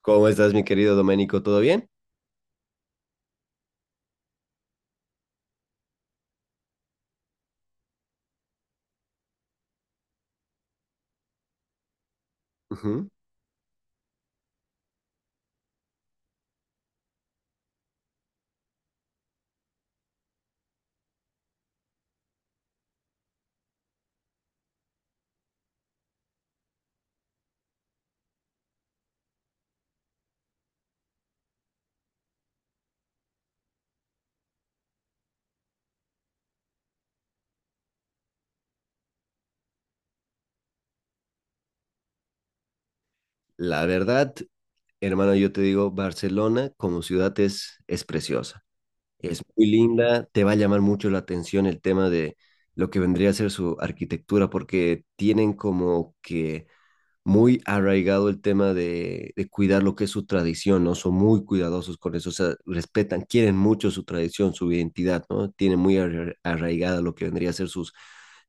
¿Cómo estás, mi querido Doménico? ¿Todo bien? Ujú. La verdad, hermano, yo te digo, Barcelona como ciudad es preciosa, es muy linda, te va a llamar mucho la atención el tema de lo que vendría a ser su arquitectura, porque tienen como que muy arraigado el tema de cuidar lo que es su tradición, ¿no? Son muy cuidadosos con eso, o sea, respetan, quieren mucho su tradición, su identidad, ¿no? Tienen muy arraigada lo que vendría a ser sus,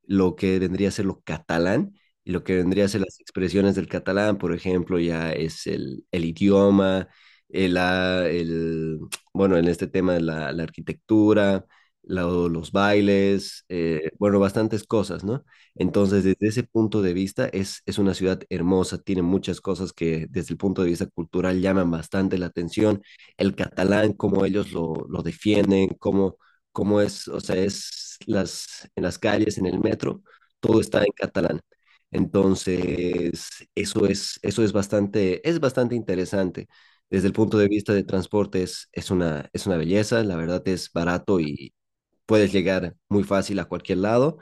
lo que vendría a ser lo catalán y lo que vendría a ser las expresiones del catalán, por ejemplo, ya es el idioma, el, ah, el, bueno, en este tema la arquitectura, los bailes, bueno, bastantes cosas, ¿no? Entonces, desde ese punto de vista, es una ciudad hermosa, tiene muchas cosas que desde el punto de vista cultural llaman bastante la atención. El catalán, cómo ellos lo defienden, cómo es, o sea, en las calles, en el metro, todo está en catalán. Entonces, eso es bastante interesante. Desde el punto de vista de transporte es una belleza, la verdad es barato y puedes llegar muy fácil a cualquier lado.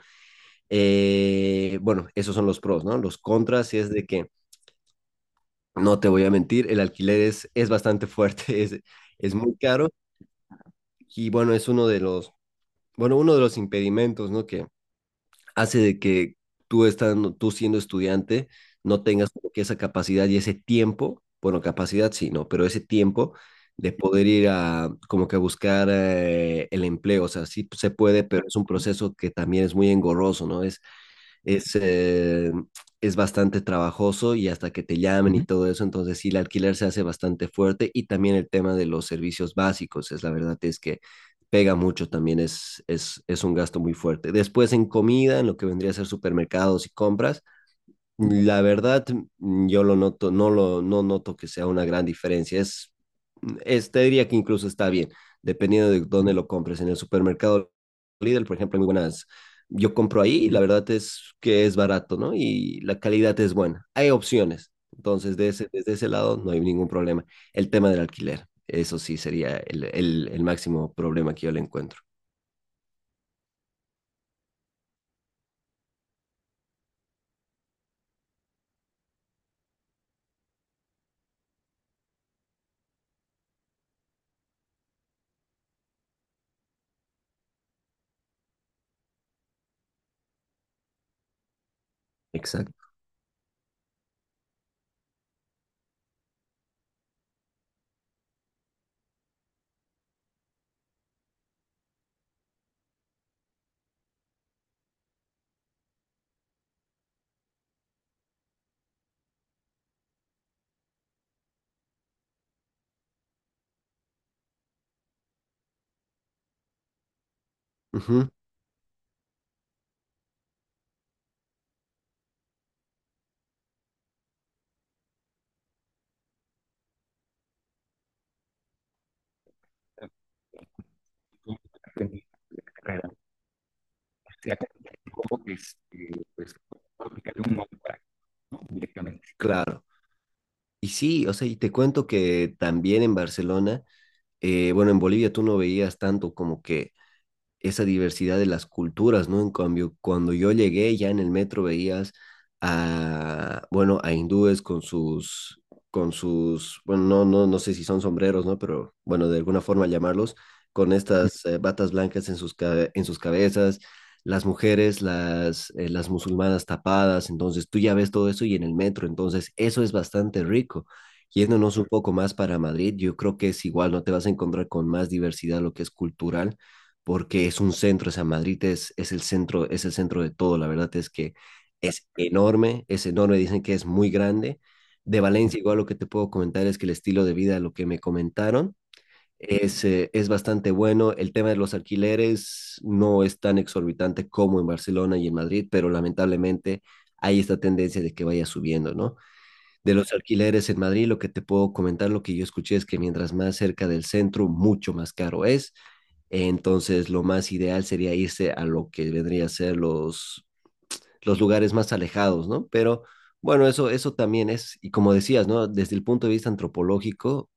Bueno, esos son los pros, ¿no? Los contras es de que, no te voy a mentir, es bastante fuerte, es muy caro y bueno, es uno de los, bueno, uno de los impedimentos, ¿no? Que hace de que tú siendo estudiante, no tengas como que esa capacidad y ese tiempo, bueno, capacidad sí, no, pero ese tiempo de poder ir a como que a buscar el empleo, o sea, sí se puede, pero es un proceso que también es muy engorroso, ¿no? Es, eh, es bastante trabajoso y hasta que te llamen y todo eso, entonces sí, el alquiler se hace bastante fuerte y también el tema de los servicios básicos, es la verdad es que pega mucho también, es un gasto muy fuerte. Después en comida, en lo que vendría a ser supermercados y compras, la verdad, yo lo noto, no noto que sea una gran diferencia. Te diría que incluso está bien, dependiendo de dónde lo compres. En el supermercado Lidl, por ejemplo, hay muy buenas. Yo compro ahí y la verdad es que es barato, ¿no? Y la calidad es buena. Hay opciones. Entonces, desde ese lado no hay ningún problema. El tema del alquiler, eso sí sería el máximo problema que yo le encuentro. Exacto. Ujú. Claro. Y sí, o sea, y te cuento que también en Barcelona bueno, en Bolivia tú no veías tanto como que esa diversidad de las culturas, ¿no? En cambio, cuando yo llegué ya en el metro veías bueno, a hindúes con sus, bueno, no, no, no sé si son sombreros, ¿no? Pero bueno, de alguna forma llamarlos, con estas batas blancas en sus, en sus cabezas, las musulmanas tapadas, entonces tú ya ves todo eso y en el metro, entonces eso es bastante rico. Yéndonos un poco más para Madrid, yo creo que es igual, no te vas a encontrar con más diversidad lo que es cultural porque es un centro, o sea, es el centro de todo, la verdad es que es enorme, dicen que es muy grande. De Valencia, igual lo que te puedo comentar es que el estilo de vida, lo que me comentaron, es bastante bueno. El tema de los alquileres no es tan exorbitante como en Barcelona y en Madrid, pero lamentablemente hay esta tendencia de que vaya subiendo, ¿no? De los alquileres en Madrid, lo que te puedo comentar, lo que yo escuché es que mientras más cerca del centro, mucho más caro es. Entonces, lo más ideal sería irse a lo que vendría a ser los lugares más alejados, ¿no? Pero bueno, eso también es, y como decías, ¿no? Desde el punto de vista antropológico,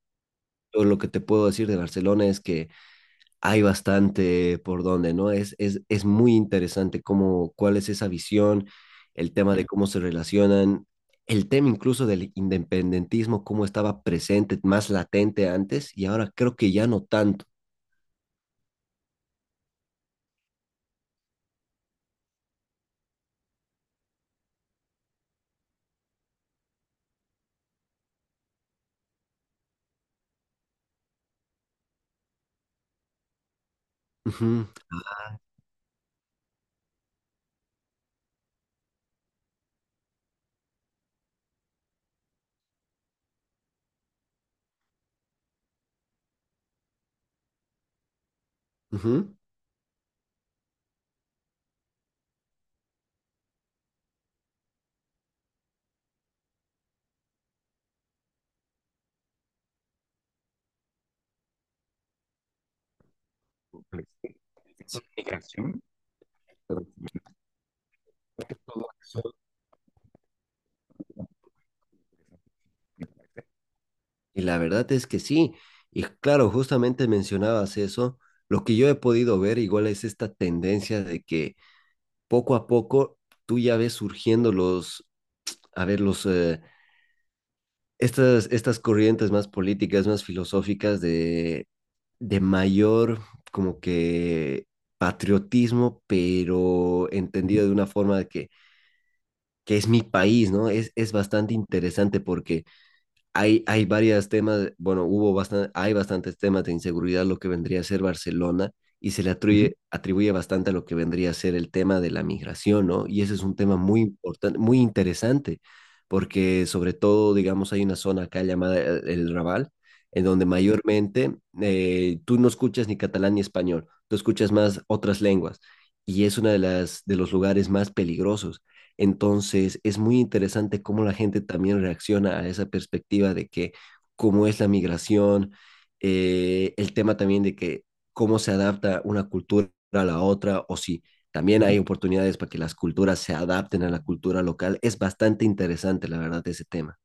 yo lo que te puedo decir de Barcelona es que hay bastante por donde, ¿no? Es muy interesante cómo, cuál es esa visión, el tema de cómo se relacionan, el tema incluso del independentismo, cómo estaba presente, más latente antes, y ahora creo que ya no tanto. Ujú, ujú. Y la verdad es que sí. Y claro, justamente mencionabas eso. Lo que yo he podido ver igual es esta tendencia de que poco a poco tú ya ves surgiendo los, a ver, estas, estas corrientes más políticas, más filosóficas de mayor como que patriotismo, pero entendido de una forma que es mi país, ¿no? Es bastante interesante porque hay varios temas, bueno, hay bastantes temas de inseguridad, lo que vendría a ser Barcelona, y se le Ujú. Atribuye, atribuye bastante a lo que vendría a ser el tema de la migración, ¿no? Y ese es un tema muy importante, muy interesante, porque sobre todo, digamos, hay una zona acá llamada el Raval, en donde mayormente tú no escuchas ni catalán ni español, tú escuchas más otras lenguas, y es una de las, de los lugares más peligrosos, entonces, es muy interesante cómo la gente también reacciona a esa perspectiva de que cómo es la migración, el tema también de que cómo se adapta una cultura a la otra o si también hay oportunidades para que las culturas se adapten a la cultura local. Es bastante interesante, la verdad, ese tema.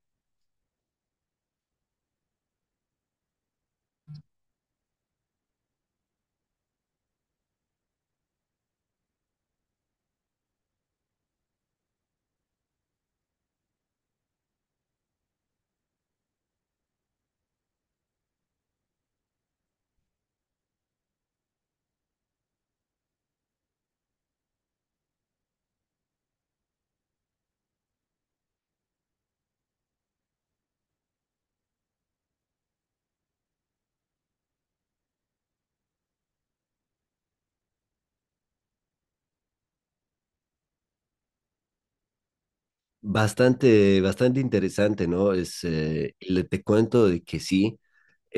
Bastante, bastante interesante, ¿no? Es, le Te cuento de que sí,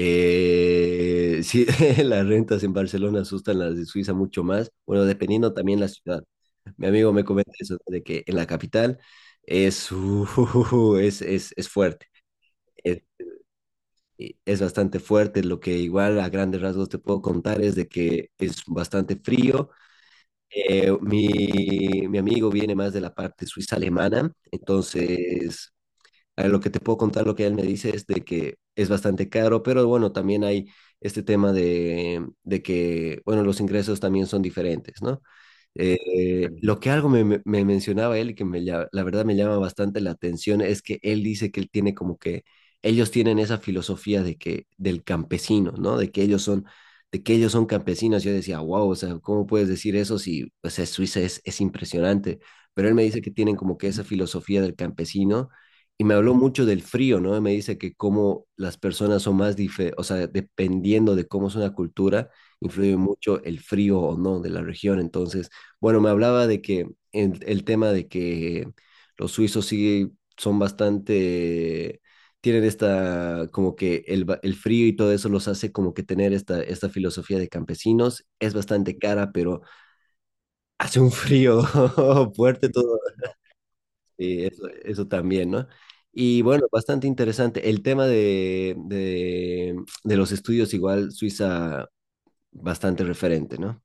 Sí, las rentas en Barcelona asustan, las de Suiza mucho más. Bueno, dependiendo también la ciudad. Mi amigo me comenta eso, ¿no? De que en la capital es, es fuerte. Es, es bastante fuerte. Lo que igual a grandes rasgos te puedo contar es de que es bastante frío. Eh, mi, Mi amigo viene más de la parte suiza alemana, entonces lo que te puedo contar, lo que él me dice es de que es bastante caro, pero bueno, también hay este tema de que, bueno, los ingresos también son diferentes, ¿no? Lo que algo me, me- Me mencionaba él y que la verdad me llama bastante la atención es que él dice que él tiene como que ellos tienen esa filosofía de que del campesino, ¿no? De que ellos son campesinos. Yo decía, wow, o sea, ¿cómo puedes decir eso si o sea, Suiza es impresionante? Pero él me dice que tienen como que esa filosofía del campesino y me habló mucho del frío, ¿no? Me dice que cómo las personas son más, o sea, dependiendo de cómo es una cultura, influye mucho el frío o no de la región. Entonces, bueno, me hablaba de que el tema de que los suizos sí son bastante, tienen esta, como que el frío y todo eso los hace como que tener esta, esta filosofía de campesinos. Es bastante cara, pero hace un frío fuerte todo. Y eso también, ¿no? Y bueno, bastante interesante. El tema de los estudios, igual Suiza, bastante referente, ¿no?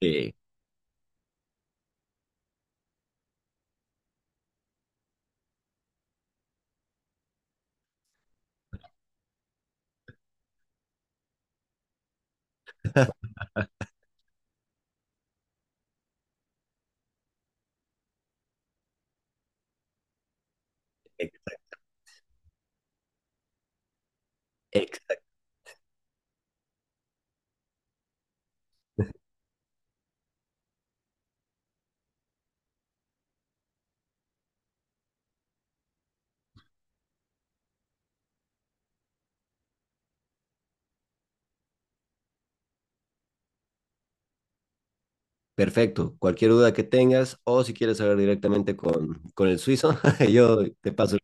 Sí, ex- Perfecto. Cualquier duda que tengas o si quieres hablar directamente con el suizo, yo te paso